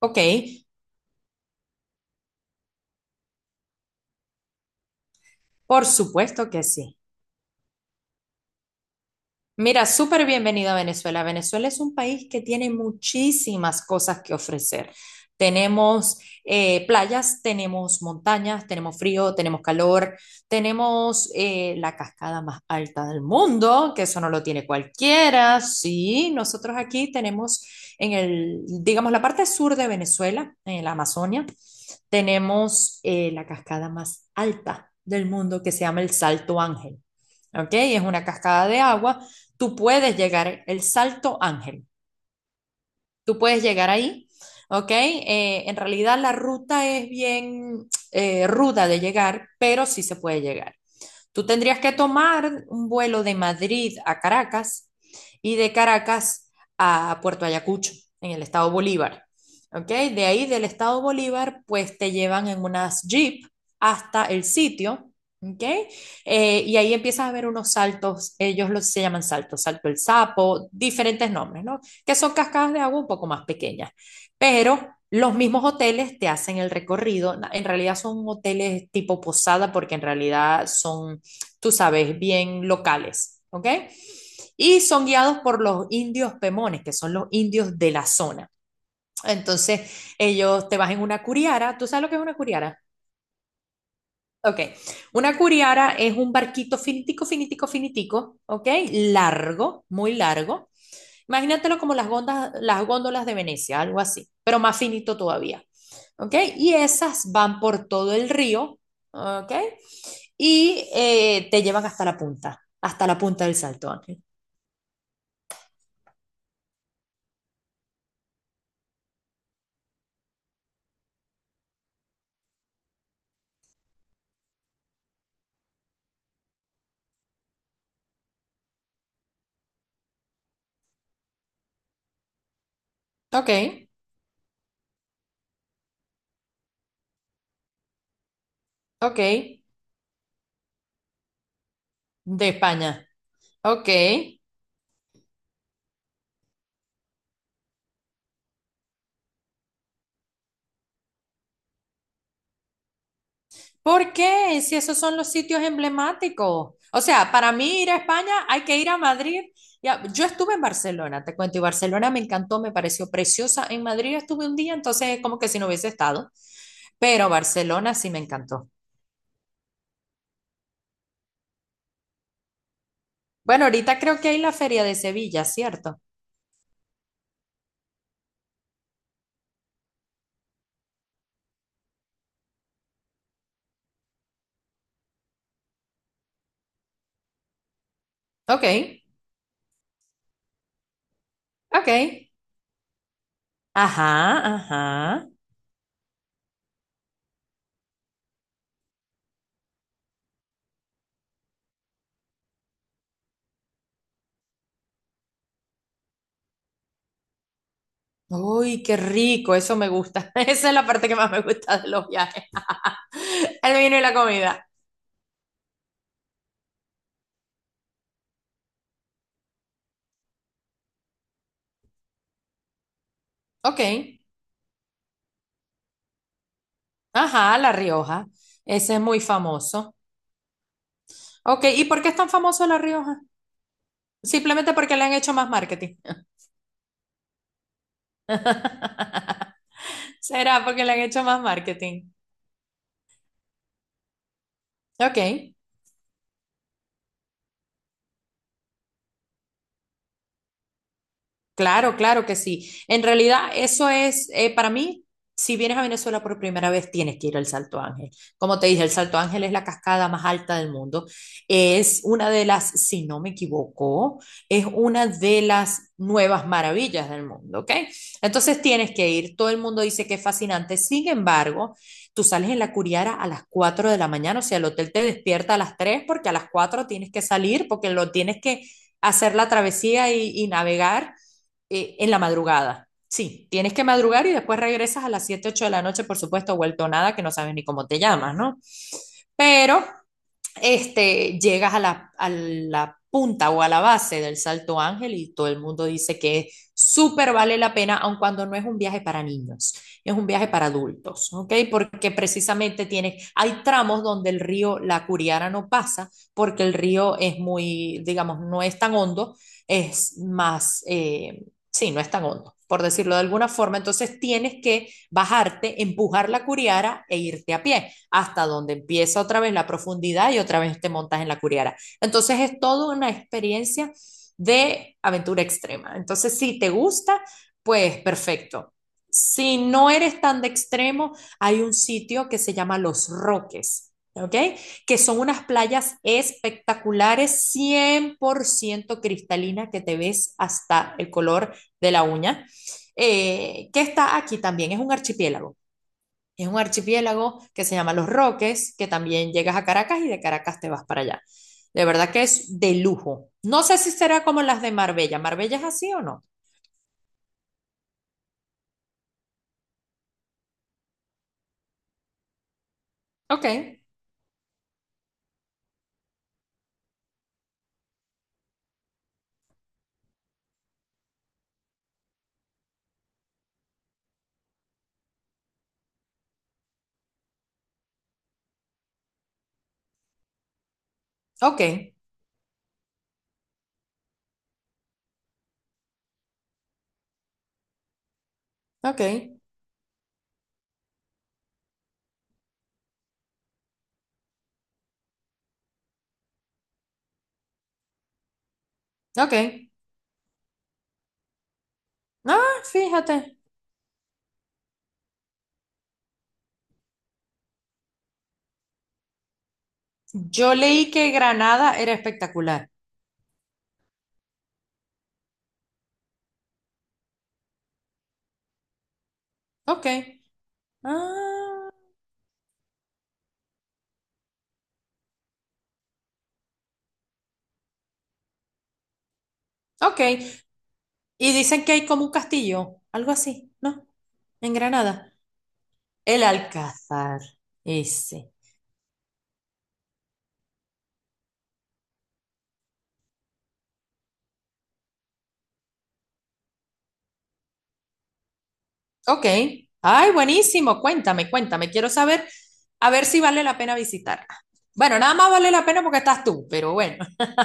Ok, por supuesto que sí. Mira, súper bienvenido a Venezuela. Venezuela es un país que tiene muchísimas cosas que ofrecer. Tenemos playas, tenemos montañas, tenemos frío, tenemos calor, tenemos la cascada más alta del mundo, que eso no lo tiene cualquiera. Sí, nosotros aquí tenemos en el, digamos, la parte sur de Venezuela, en la Amazonia. Tenemos la cascada más alta del mundo que se llama el Salto Ángel. ¿Ok? Es una cascada de agua. Tú puedes llegar, el Salto Ángel, tú puedes llegar ahí. ¿Ok? En realidad la ruta es bien ruda de llegar, pero sí se puede llegar. Tú tendrías que tomar un vuelo de Madrid a Caracas y de Caracas a Puerto Ayacucho, en el estado Bolívar. ¿Ok? De ahí del estado Bolívar, pues te llevan en unas jeep hasta el sitio. ¿Ok? Y ahí empiezas a ver unos saltos, ellos los, se llaman saltos, salto el sapo, diferentes nombres, ¿no? Que son cascadas de agua un poco más pequeñas. Pero los mismos hoteles te hacen el recorrido. En realidad son hoteles tipo posada porque en realidad son, tú sabes, bien locales, ¿ok? Y son guiados por los indios pemones, que son los indios de la zona. Entonces, ellos te vas en una curiara. ¿Tú sabes lo que es una curiara? Ok, una curiara es un barquito finitico, finitico, finitico, ok, largo, muy largo, imagínatelo como las góndolas de Venecia, algo así, pero más finito todavía. ¿Ok? Y esas van por todo el río, ¿ok? Y te llevan hasta la punta del Salto Ángel. Ok, ok, de España. Ok. ¿Por qué? Si esos son los sitios emblemáticos. O sea, para mí ir a España hay que ir a Madrid. Ya, yo estuve en Barcelona, te cuento, y Barcelona me encantó, me pareció preciosa. En Madrid estuve un día, entonces es como que si no hubiese estado. Pero Barcelona sí me encantó. Bueno, ahorita creo que hay la Feria de Sevilla, ¿cierto? Ok, ok. Ajá, ajá. Uy, qué rico, eso me gusta. Esa es la parte que más me gusta de los viajes. El vino y la comida. Ok, ajá, La Rioja. Ese es muy famoso. Ok, ¿y por qué es tan famoso La Rioja? Simplemente porque le han hecho más marketing. ¿Será porque le han hecho más marketing? Ok. Claro, claro que sí. En realidad, eso es, para mí, si vienes a Venezuela por primera vez, tienes que ir al Salto Ángel. Como te dije, el Salto Ángel es la cascada más alta del mundo. Es una de las, si no me equivoco, es una de las nuevas maravillas del mundo, ¿ok? Entonces tienes que ir. Todo el mundo dice que es fascinante. Sin embargo, tú sales en la Curiara a las 4 de la mañana, o sea, el hotel te despierta a las 3 porque a las 4 tienes que salir, porque lo tienes que hacer la travesía y navegar en la madrugada. Sí, tienes que madrugar y después regresas a las 7 8 de la noche, por supuesto, vuelto nada, que no sabes ni cómo te llamas, ¿no? Pero este, llegas a la punta o a la base del Salto Ángel y todo el mundo dice que súper vale la pena, aun cuando no es un viaje para niños, es un viaje para adultos, ¿ok? Porque precisamente hay tramos donde el río La Curiara no pasa porque el río es muy, digamos, no es tan hondo, es más, sí, no es tan hondo por decirlo de alguna forma, entonces tienes que bajarte, empujar la curiara e irte a pie hasta donde empieza otra vez la profundidad y otra vez te montas en la curiara. Entonces es toda una experiencia de aventura extrema. Entonces, si te gusta, pues perfecto. Si no eres tan de extremo, hay un sitio que se llama Los Roques. ¿Ok? Que son unas playas espectaculares, 100% cristalina, que te ves hasta el color de la uña, que está aquí también, es un archipiélago. Es un archipiélago que se llama Los Roques, que también llegas a Caracas y de Caracas te vas para allá. De verdad que es de lujo. No sé si será como las de Marbella. ¿Marbella es así o no? Ok, ok, ok, ok. Ah, fíjate. Yo leí que Granada era espectacular. Ok. Ah, ok. Y dicen que hay como un castillo, algo así, ¿no? En Granada. El Alcázar. Ese. Ok. Ay, buenísimo. Cuéntame, cuéntame. Quiero saber a ver si vale la pena visitarla. Bueno, nada más vale la pena porque estás tú, pero bueno.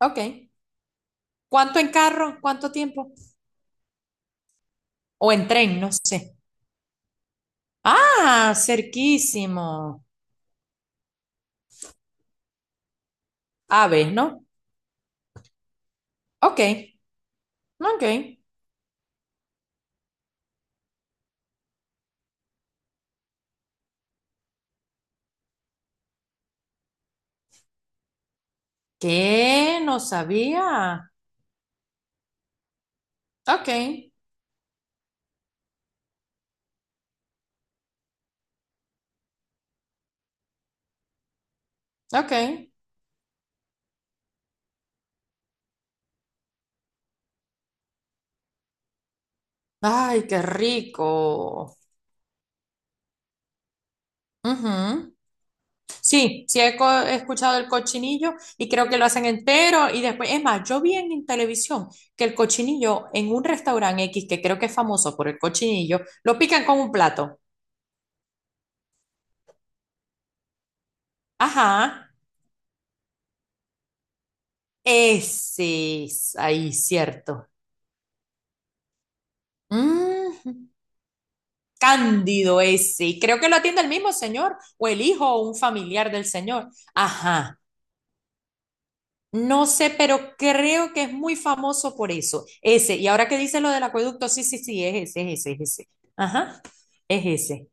Ok. ¿Cuánto en carro? ¿Cuánto tiempo? O en tren, no sé. Ah, cerquísimo. Aves, ¿no? Ok, ok. ¿Qué? No sabía. Ok, ok. Ay, qué rico. Ujú. Sí, sí he escuchado el cochinillo y creo que lo hacen entero y después, es más, yo vi en televisión que el cochinillo en un restaurante X, que creo que es famoso por el cochinillo, lo pican con un plato. Ajá, ese es ahí, cierto. Mm, cándido ese. Y creo que lo atiende el mismo señor o el hijo o un familiar del señor. Ajá. No sé, pero creo que es muy famoso por eso. Ese. Y ahora que dices lo del acueducto, sí, sí, sí, es ese, es ese, es ese. Ajá, es ese.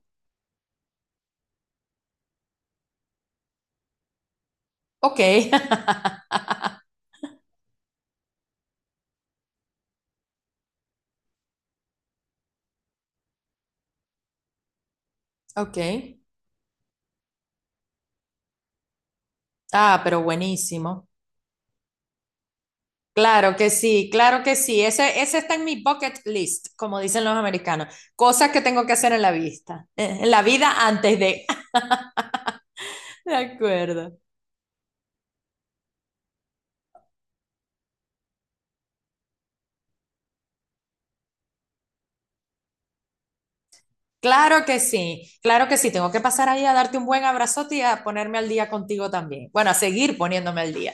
Ok, ok. Ah, pero buenísimo. Claro que sí, claro que sí. Ese está en mi bucket list, como dicen los americanos. Cosas que tengo que hacer en la vista, en la vida antes de. De acuerdo. Claro que sí, claro que sí. Tengo que pasar ahí a darte un buen abrazote y a ponerme al día contigo también. Bueno, a seguir poniéndome al día.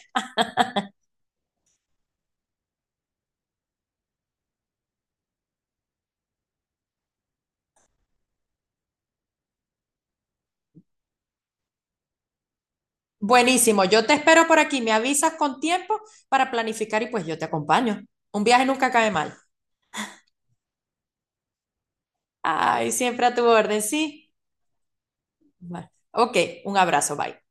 Buenísimo, yo te espero por aquí, me avisas con tiempo para planificar y pues yo te acompaño. Un viaje nunca cae mal. Ay, siempre a tu orden, sí. Bueno, ok, un abrazo, bye.